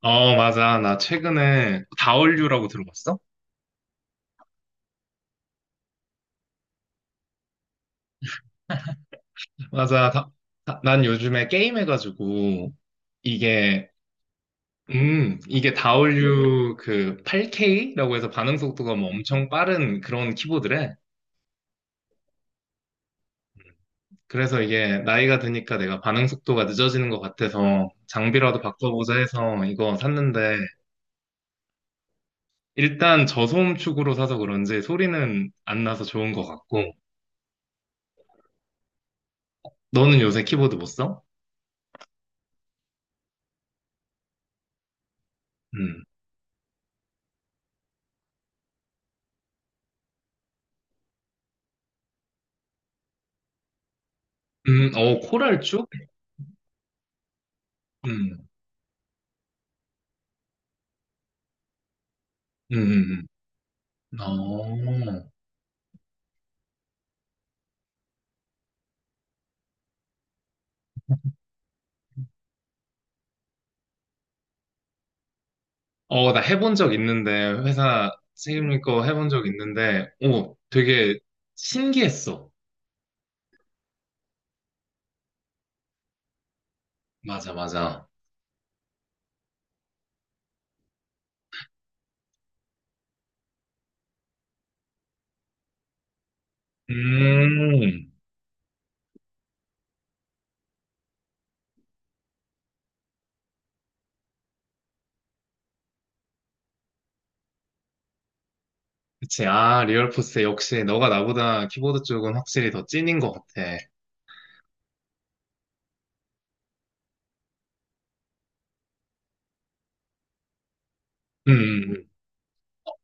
어, 맞아. 나 최근에 다얼류라고 들어봤어? 맞아. 난 요즘에 게임해가지고 이게 이게 다얼류 그 8K라고 해서 반응 속도가 뭐 엄청 빠른 그런 키보드래. 그래서 이게 나이가 드니까 내가 반응 속도가 늦어지는 것 같아서 장비라도 바꿔보자 해서 이거 샀는데, 일단 저소음 축으로 사서 그런지 소리는 안 나서 좋은 것 같고. 너는 요새 키보드 못 써? 음, 어, 코랄 축? 음. 음, 음, 어, 어, 나 해본 적 있는데, 회사 책임질 거 해본 적 있는데, 오, 되게 신기했어. 맞아, 맞아. 음, 그치. 아, 리얼포스 역시 너가 나보다 키보드 쪽은 확실히 더 찐인 것 같아. 음, 음, 음.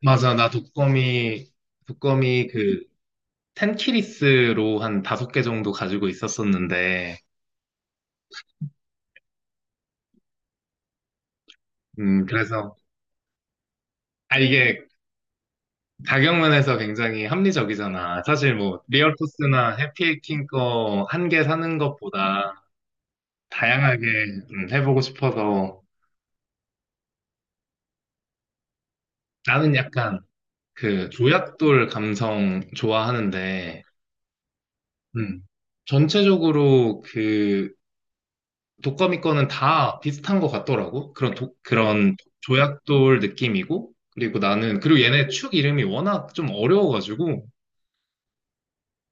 맞아. 나 독거미, 독거미 그, 텐키리스로 한 다섯 개 정도 가지고 있었었는데, 그래서, 아, 이게 가격면에서 굉장히 합리적이잖아. 사실 뭐 리얼토스나 해피해킹 거 한 개 사는 것보다 다양하게 해보고 싶어서. 나는 약간 그 조약돌 감성 좋아하는데 음, 전체적으로 그 독거미 거는 다 비슷한 것 같더라고. 그런 조약돌 느낌이고 그리고 나는 그리고 얘네 축 이름이 워낙 좀 어려워가지고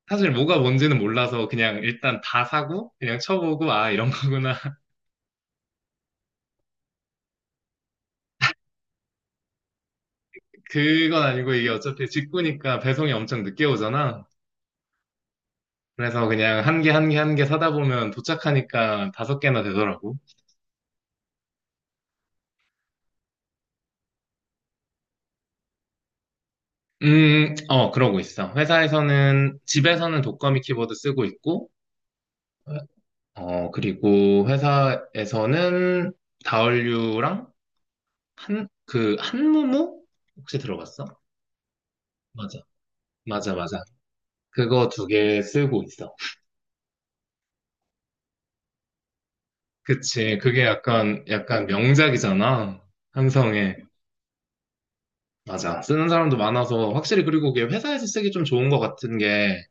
사실 뭐가 뭔지는 몰라서 그냥 일단 다 사고 그냥 쳐보고 아 이런 거구나. 그건 아니고 이게 어차피 직구니까 배송이 엄청 늦게 오잖아. 그래서 그냥 한 개 한 개 한 개 사다 보면 도착하니까 다섯 개나 되더라고. 어, 그러고 있어. 회사에서는, 집에서는 독거미 키보드 쓰고 있고, 어, 그리고 회사에서는 다얼류랑 한무무? 혹시 들어봤어? 맞아. 맞아, 맞아. 그거 두 개 쓰고 있어. 그치. 그게 약간 명작이잖아. 맞아. 쓰는 사람도 많아서 확실히 그리고 그게 회사에서 쓰기 좀 좋은 것 같은 게,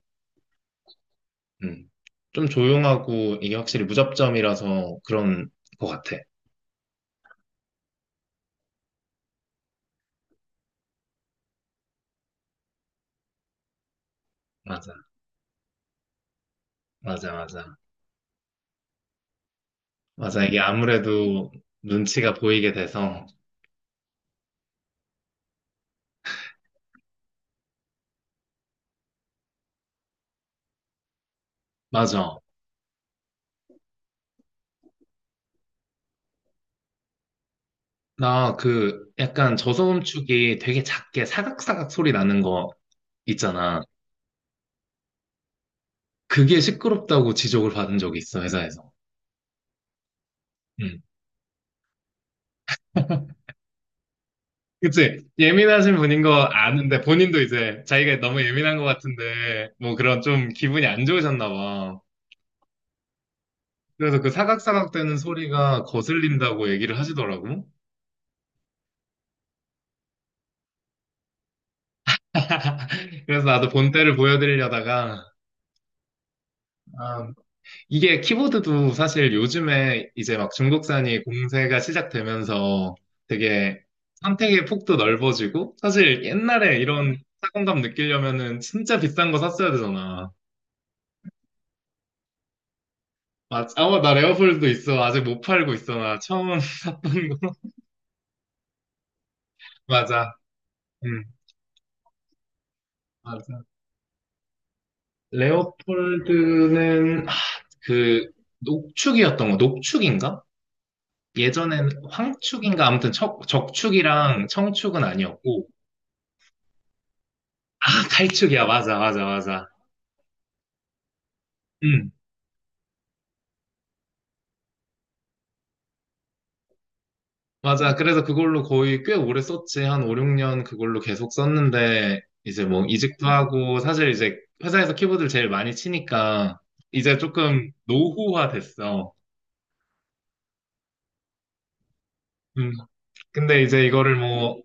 음, 좀 조용하고 이게 확실히 무접점이라서 그런 것 같아. 맞아. 맞아, 맞아. 맞아. 이게 아무래도 눈치가 보이게 돼서. 맞아. 나 그 약간 저소음축이 되게 작게 사각사각 소리 나는 거 있잖아. 그게 시끄럽다고 지적을 받은 적이 있어, 회사에서. 음. 그치? 예민하신 분인 거 아는데, 본인도 이제 자기가 너무 예민한 것 같은데, 뭐 그런 좀 기분이 안 좋으셨나 봐. 그래서 그 사각사각 되는 소리가 거슬린다고 얘기를 하시더라고. 그래서 나도 본때를 보여드리려다가, 아, 이게 키보드도 사실 요즘에 이제 막 중국산이 공세가 시작되면서 되게 선택의 폭도 넓어지고, 사실 옛날에 이런 사공감 느끼려면은 진짜 비싼 거 샀어야 되잖아. 맞아. 어, 나 레오폴드도 있어. 아직 못 팔고 있어. 나 처음 샀던 거. 맞아. 응, 맞아. 레오폴드는, 그, 녹축이었던 거, 녹축인가? 예전엔 황축인가? 아무튼 적축이랑 청축은 아니었고. 아, 갈축이야. 맞아, 맞아, 맞아. 응, 맞아. 그래서 그걸로 거의 꽤 오래 썼지. 한 5, 6년 그걸로 계속 썼는데, 이제 뭐 이직도 하고, 사실 이제 회사에서 키보드를 제일 많이 치니까, 이제 조금 노후화 됐어. 음, 근데 이제 이거를 뭐,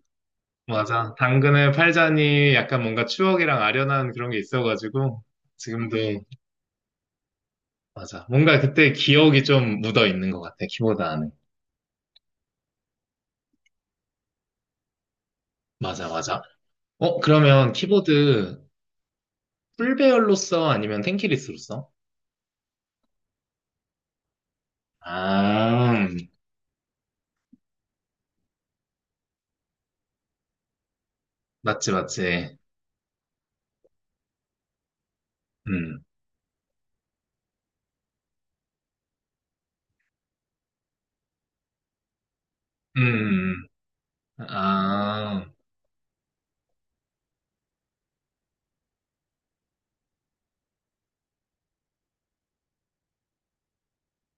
맞아. 당근을 팔자니 약간 뭔가 추억이랑 아련한 그런 게 있어가지고, 지금도, 맞아. 뭔가 그때 기억이 좀 묻어 있는 것 같아, 키보드 안에. 맞아, 맞아. 어, 그러면 키보드 풀배열로 써? 아니면 텐키리스로 써? 아, 맞지, 맞지. 음, 음, 아.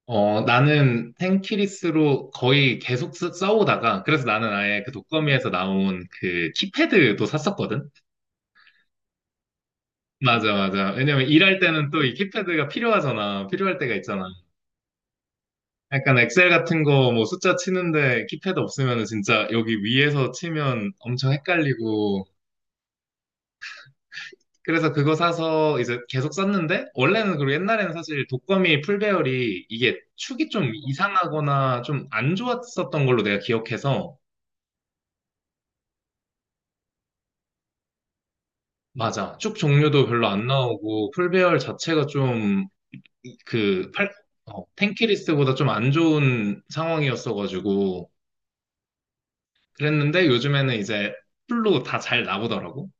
어, 나는 텐키리스로 거의 계속 써오다가, 그래서 나는 아예 그 독거미에서 나온 그 키패드도 샀었거든? 맞아, 맞아. 왜냐면 일할 때는 또 이 키패드가 필요하잖아. 필요할 때가 있잖아. 약간 엑셀 같은 거 뭐 숫자 치는데 키패드 없으면 진짜 여기 위에서 치면 엄청 헷갈리고. 그래서 그거 사서 이제 계속 썼는데, 원래는 그리고 옛날에는 사실 독거미 풀배열이 이게 축이 좀 이상하거나 좀 안 좋았었던 걸로 내가 기억해서, 맞아. 축 종류도 별로 안 나오고, 풀배열 자체가 좀 그 팔, 탱키리스트보다 좀 안 좋은 상황이었어가지고, 그랬는데 요즘에는 이제 풀로 다 잘 나오더라고.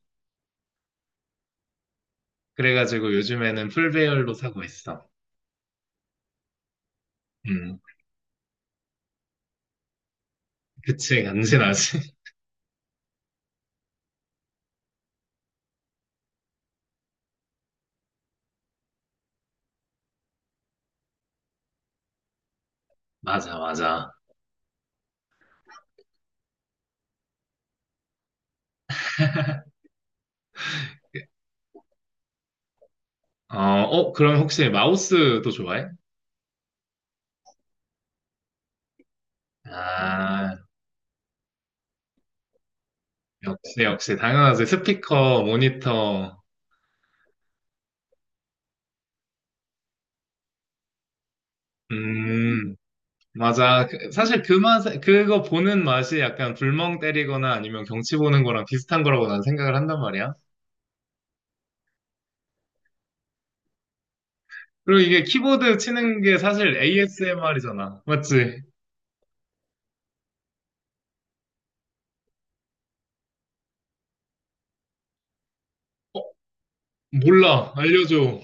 그래가지고 요즘에는 풀 배열로 사고 있어. 음, 그치, 간지나지. 맞아, 맞아. 어, 어, 그럼 혹시 마우스도 좋아해? 아, 역시, 역시, 당연하지. 스피커, 모니터. 음, 맞아. 사실 그거 보는 맛이 약간 불멍 때리거나 아니면 경치 보는 거랑 비슷한 거라고 난 생각을 한단 말이야. 그리고 이게 키보드 치는 게 사실 ASMR이잖아. 맞지? 몰라. 알려줘.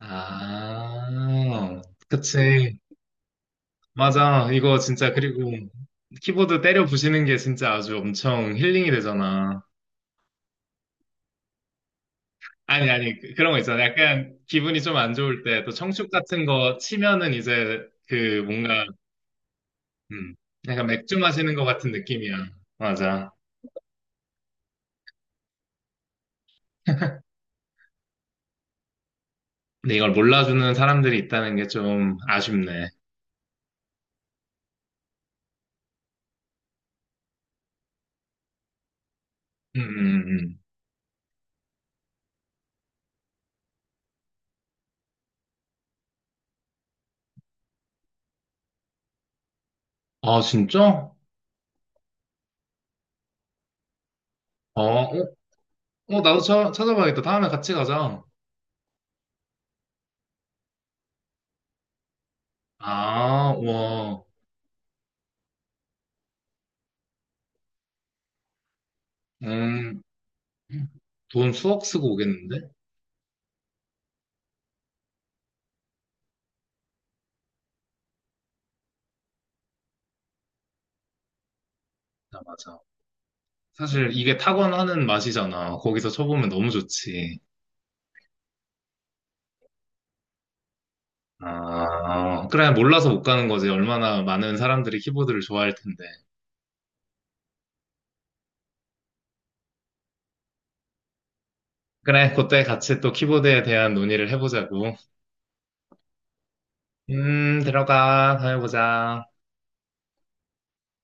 아, 그치. 맞아. 이거 진짜, 그리고 키보드 때려 부시는 게 진짜 아주 엄청 힐링이 되잖아. 아니, 아니, 그런 거 있잖아. 약간 기분이 좀 안 좋을 때, 또 청축 같은 거 치면은 이제 그 뭔가, 음, 약간 맥주 마시는 것 같은 느낌이야. 맞아. 근데 이걸 몰라주는 사람들이 있다는 게 좀 아쉽네. 음. 아, 진짜? 어, 어, 어, 나도 찾아봐야겠다. 다음에 같이 가자. 아, 우와. 음. 돈 수억 쓰고 오겠는데? 아, 맞아. 사실 이게 타건하는 맛이잖아. 거기서 쳐보면 너무 좋지. 아, 그래, 몰라서 못 가는 거지. 얼마나 많은 사람들이 키보드를 좋아할 텐데. 그래, 그때 같이 또 키보드에 대한 논의를 해보자고. 들어가. 다녀보자.